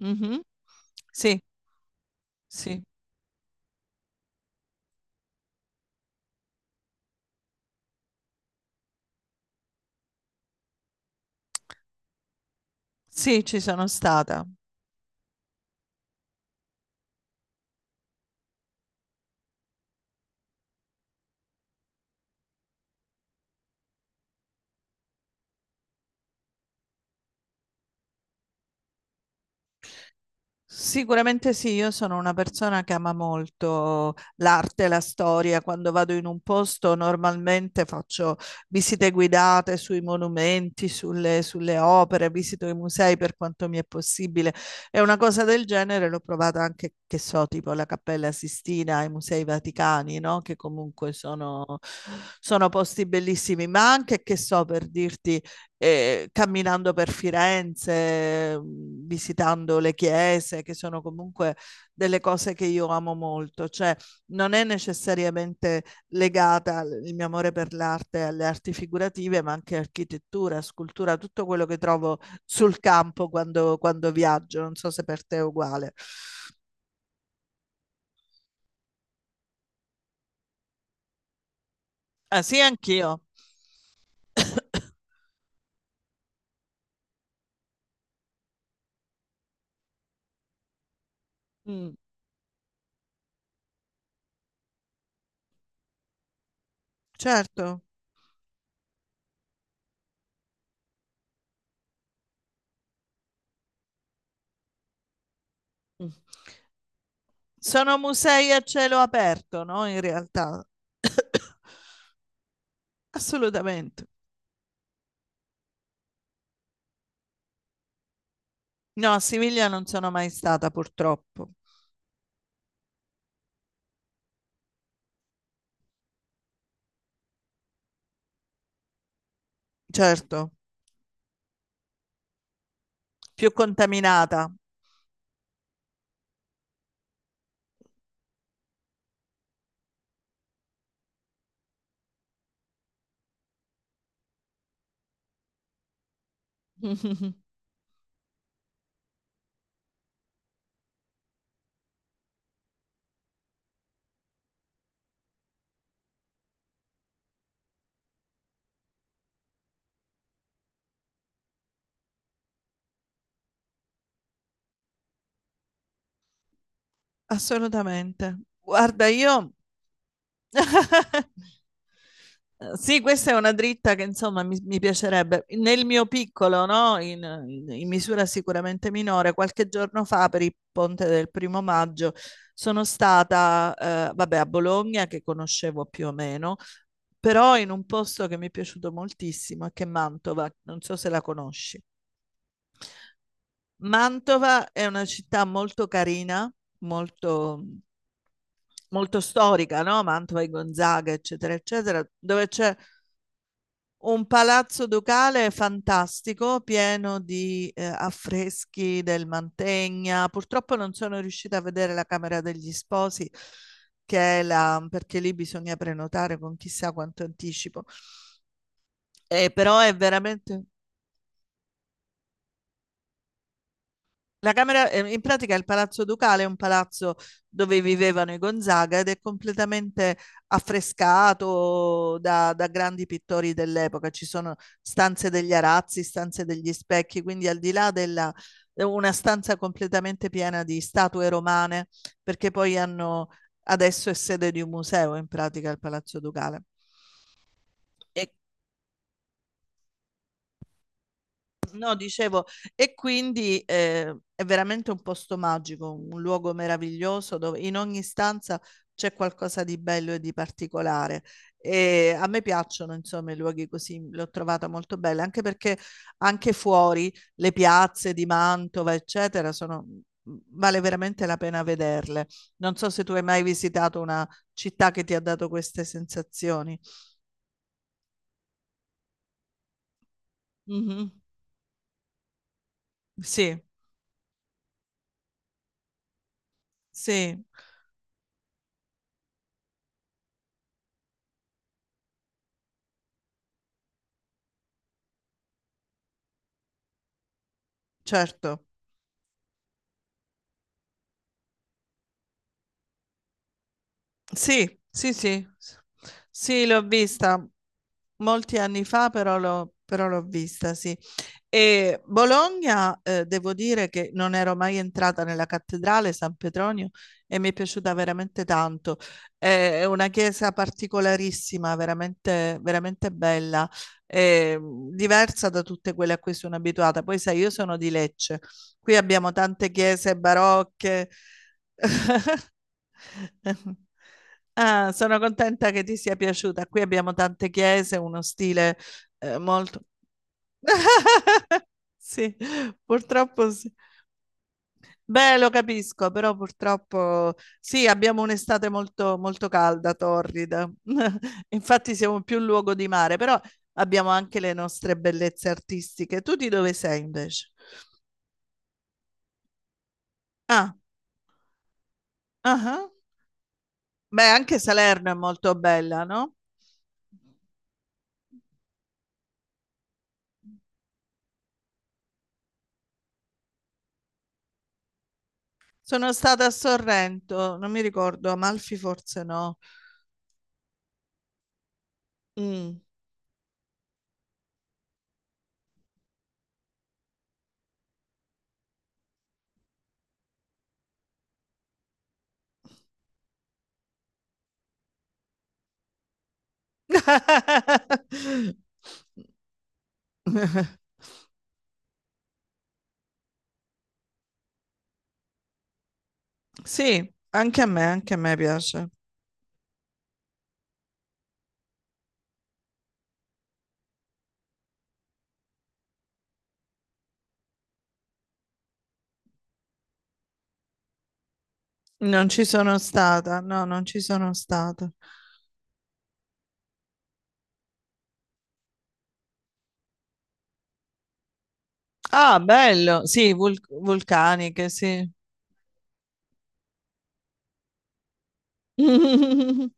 Mhm. Sì, sì, sì, ci sono stata. Sicuramente sì, io sono una persona che ama molto l'arte, la storia. Quando vado in un posto normalmente faccio visite guidate sui monumenti, sulle opere, visito i musei per quanto mi è possibile. E una cosa del genere l'ho provata anche, che so, tipo la Cappella Sistina, i Musei Vaticani, no? Che comunque sono posti bellissimi, ma anche, che so, per dirti camminando per Firenze, visitando le chiese, che sono comunque delle cose che io amo molto, cioè non è necessariamente legata il mio amore per l'arte, alle arti figurative, ma anche architettura, scultura, tutto quello che trovo sul campo quando viaggio. Non so se per te è uguale. Ah, sì, anch'io. Mm, certo. Mm. Sono musei a cielo aperto, no? In realtà. Assolutamente. No, a Siviglia non sono mai stata purtroppo. Certo, più contaminata. Assolutamente. Guarda, io... Sì, questa è una dritta che insomma mi piacerebbe. Nel mio piccolo, no? In misura sicuramente minore, qualche giorno fa per il ponte del primo maggio sono stata, vabbè, a Bologna che conoscevo più o meno però in un posto che mi è piaciuto moltissimo, che è Mantova, non so se la conosci. Mantova è una città molto carina, molto, molto storica, no? Mantova e Gonzaga, eccetera, eccetera, dove c'è un palazzo ducale fantastico, pieno di affreschi del Mantegna. Purtroppo non sono riuscita a vedere la Camera degli Sposi, che è la, perché lì bisogna prenotare con chissà quanto anticipo. Però è veramente. La camera, in pratica il Palazzo Ducale è un palazzo dove vivevano i Gonzaga ed è completamente affrescato da grandi pittori dell'epoca. Ci sono stanze degli arazzi, stanze degli specchi, quindi al di là della una stanza completamente piena di statue romane, perché poi hanno adesso è sede di un museo in pratica il Palazzo Ducale. E no, dicevo, e quindi è veramente un posto magico, un luogo meraviglioso dove in ogni stanza c'è qualcosa di bello e di particolare. E a me piacciono, insomma, i luoghi così, l'ho trovata molto bella, anche perché anche fuori le piazze di Mantova, eccetera, sono, mhmm, vale veramente la pena vederle. Non so se tu hai mai visitato una città che ti ha dato queste sensazioni. Mhm. Sì, sì, certo. Sì, sì, sì. Sì, l'ho vista molti anni fa, però l'ho vista, sì. E Bologna, devo dire che non ero mai entrata nella cattedrale San Petronio e mi è piaciuta veramente tanto. È una chiesa particolarissima, veramente, veramente bella, eh, diversa da tutte quelle a cui sono abituata. Poi sai, io sono di Lecce, qui abbiamo tante chiese barocche. Ah, sono contenta che ti sia piaciuta. Qui abbiamo tante chiese, uno stile molto... Sì, purtroppo sì. Beh, lo capisco, però purtroppo sì, abbiamo un'estate molto, molto calda, torrida. Infatti siamo più luogo di mare, però abbiamo anche le nostre bellezze artistiche. Tu di dove sei invece? Ah, ah ah. Beh, anche Salerno è molto bella, no? Sono stata a Sorrento, non mi ricordo, Amalfi forse no. Mm. Sì, anche a me piace. Non ci sono stata, no, non ci sono stata. Ah, bello, sì, vulcaniche, sì.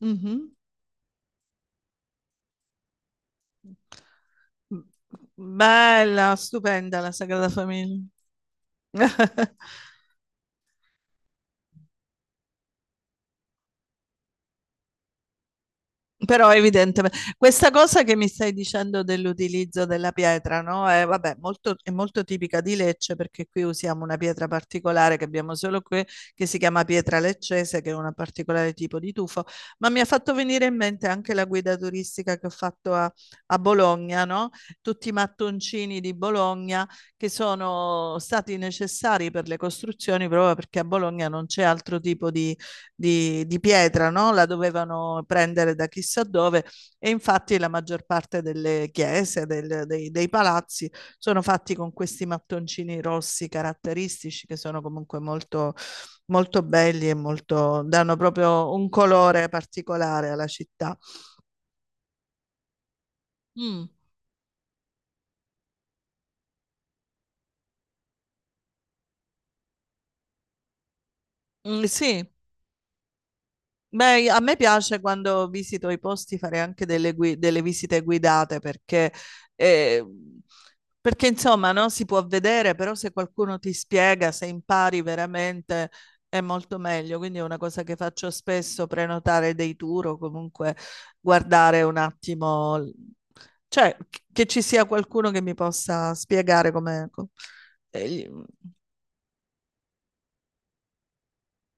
Mhm. Bella, stupenda la Sagrada Famiglia. Però evidentemente questa cosa che mi stai dicendo dell'utilizzo della pietra, no? È, vabbè, molto, è molto tipica di Lecce perché qui usiamo una pietra particolare che abbiamo solo qui, che si chiama pietra leccese, che è un particolare tipo di tufo, ma mi ha fatto venire in mente anche la guida turistica che ho fatto a Bologna, no? Tutti i mattoncini di Bologna che sono stati necessari per le costruzioni proprio perché a Bologna non c'è altro tipo di di pietra, no? La dovevano prendere da chissà dove e infatti la maggior parte delle chiese, dei palazzi sono fatti con questi mattoncini rossi caratteristici che sono comunque molto, molto belli e molto, danno proprio un colore particolare alla città. Mm, mm, sì. Beh, a me piace quando visito i posti fare anche delle, delle visite guidate perché, eh, perché, insomma, no, si può vedere, però se qualcuno ti spiega, se impari veramente è molto meglio. Quindi è una cosa che faccio spesso, prenotare dei tour o comunque guardare un attimo, cioè che ci sia qualcuno che mi possa spiegare come... eh, gli-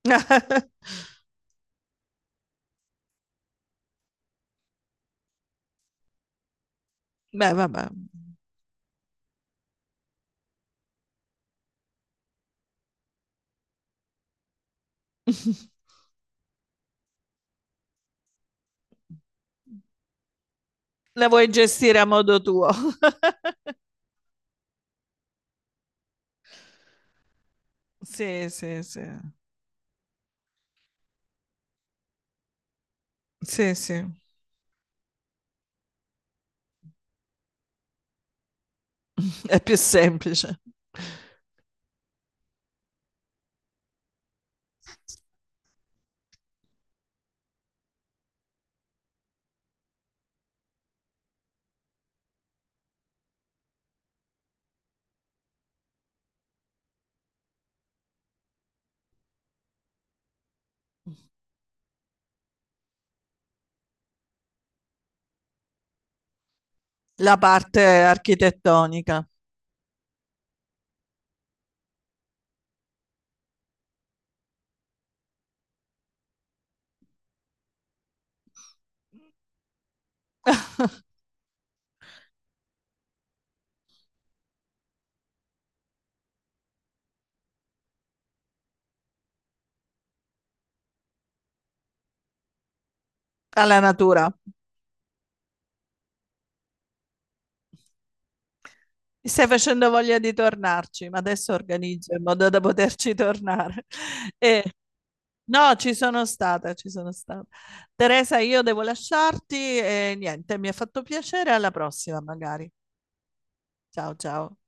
Beh, vabbè. La vuoi gestire a modo tuo? Sì, sì, sì. Sì, sì. È più semplice. La parte architettonica, alla natura. Mi stai facendo voglia di tornarci, ma adesso organizzo in modo da poterci tornare. E, no, ci sono stata, ci sono stata. Teresa, io devo lasciarti e niente, mi ha fatto piacere, alla prossima magari. Ciao, ciao.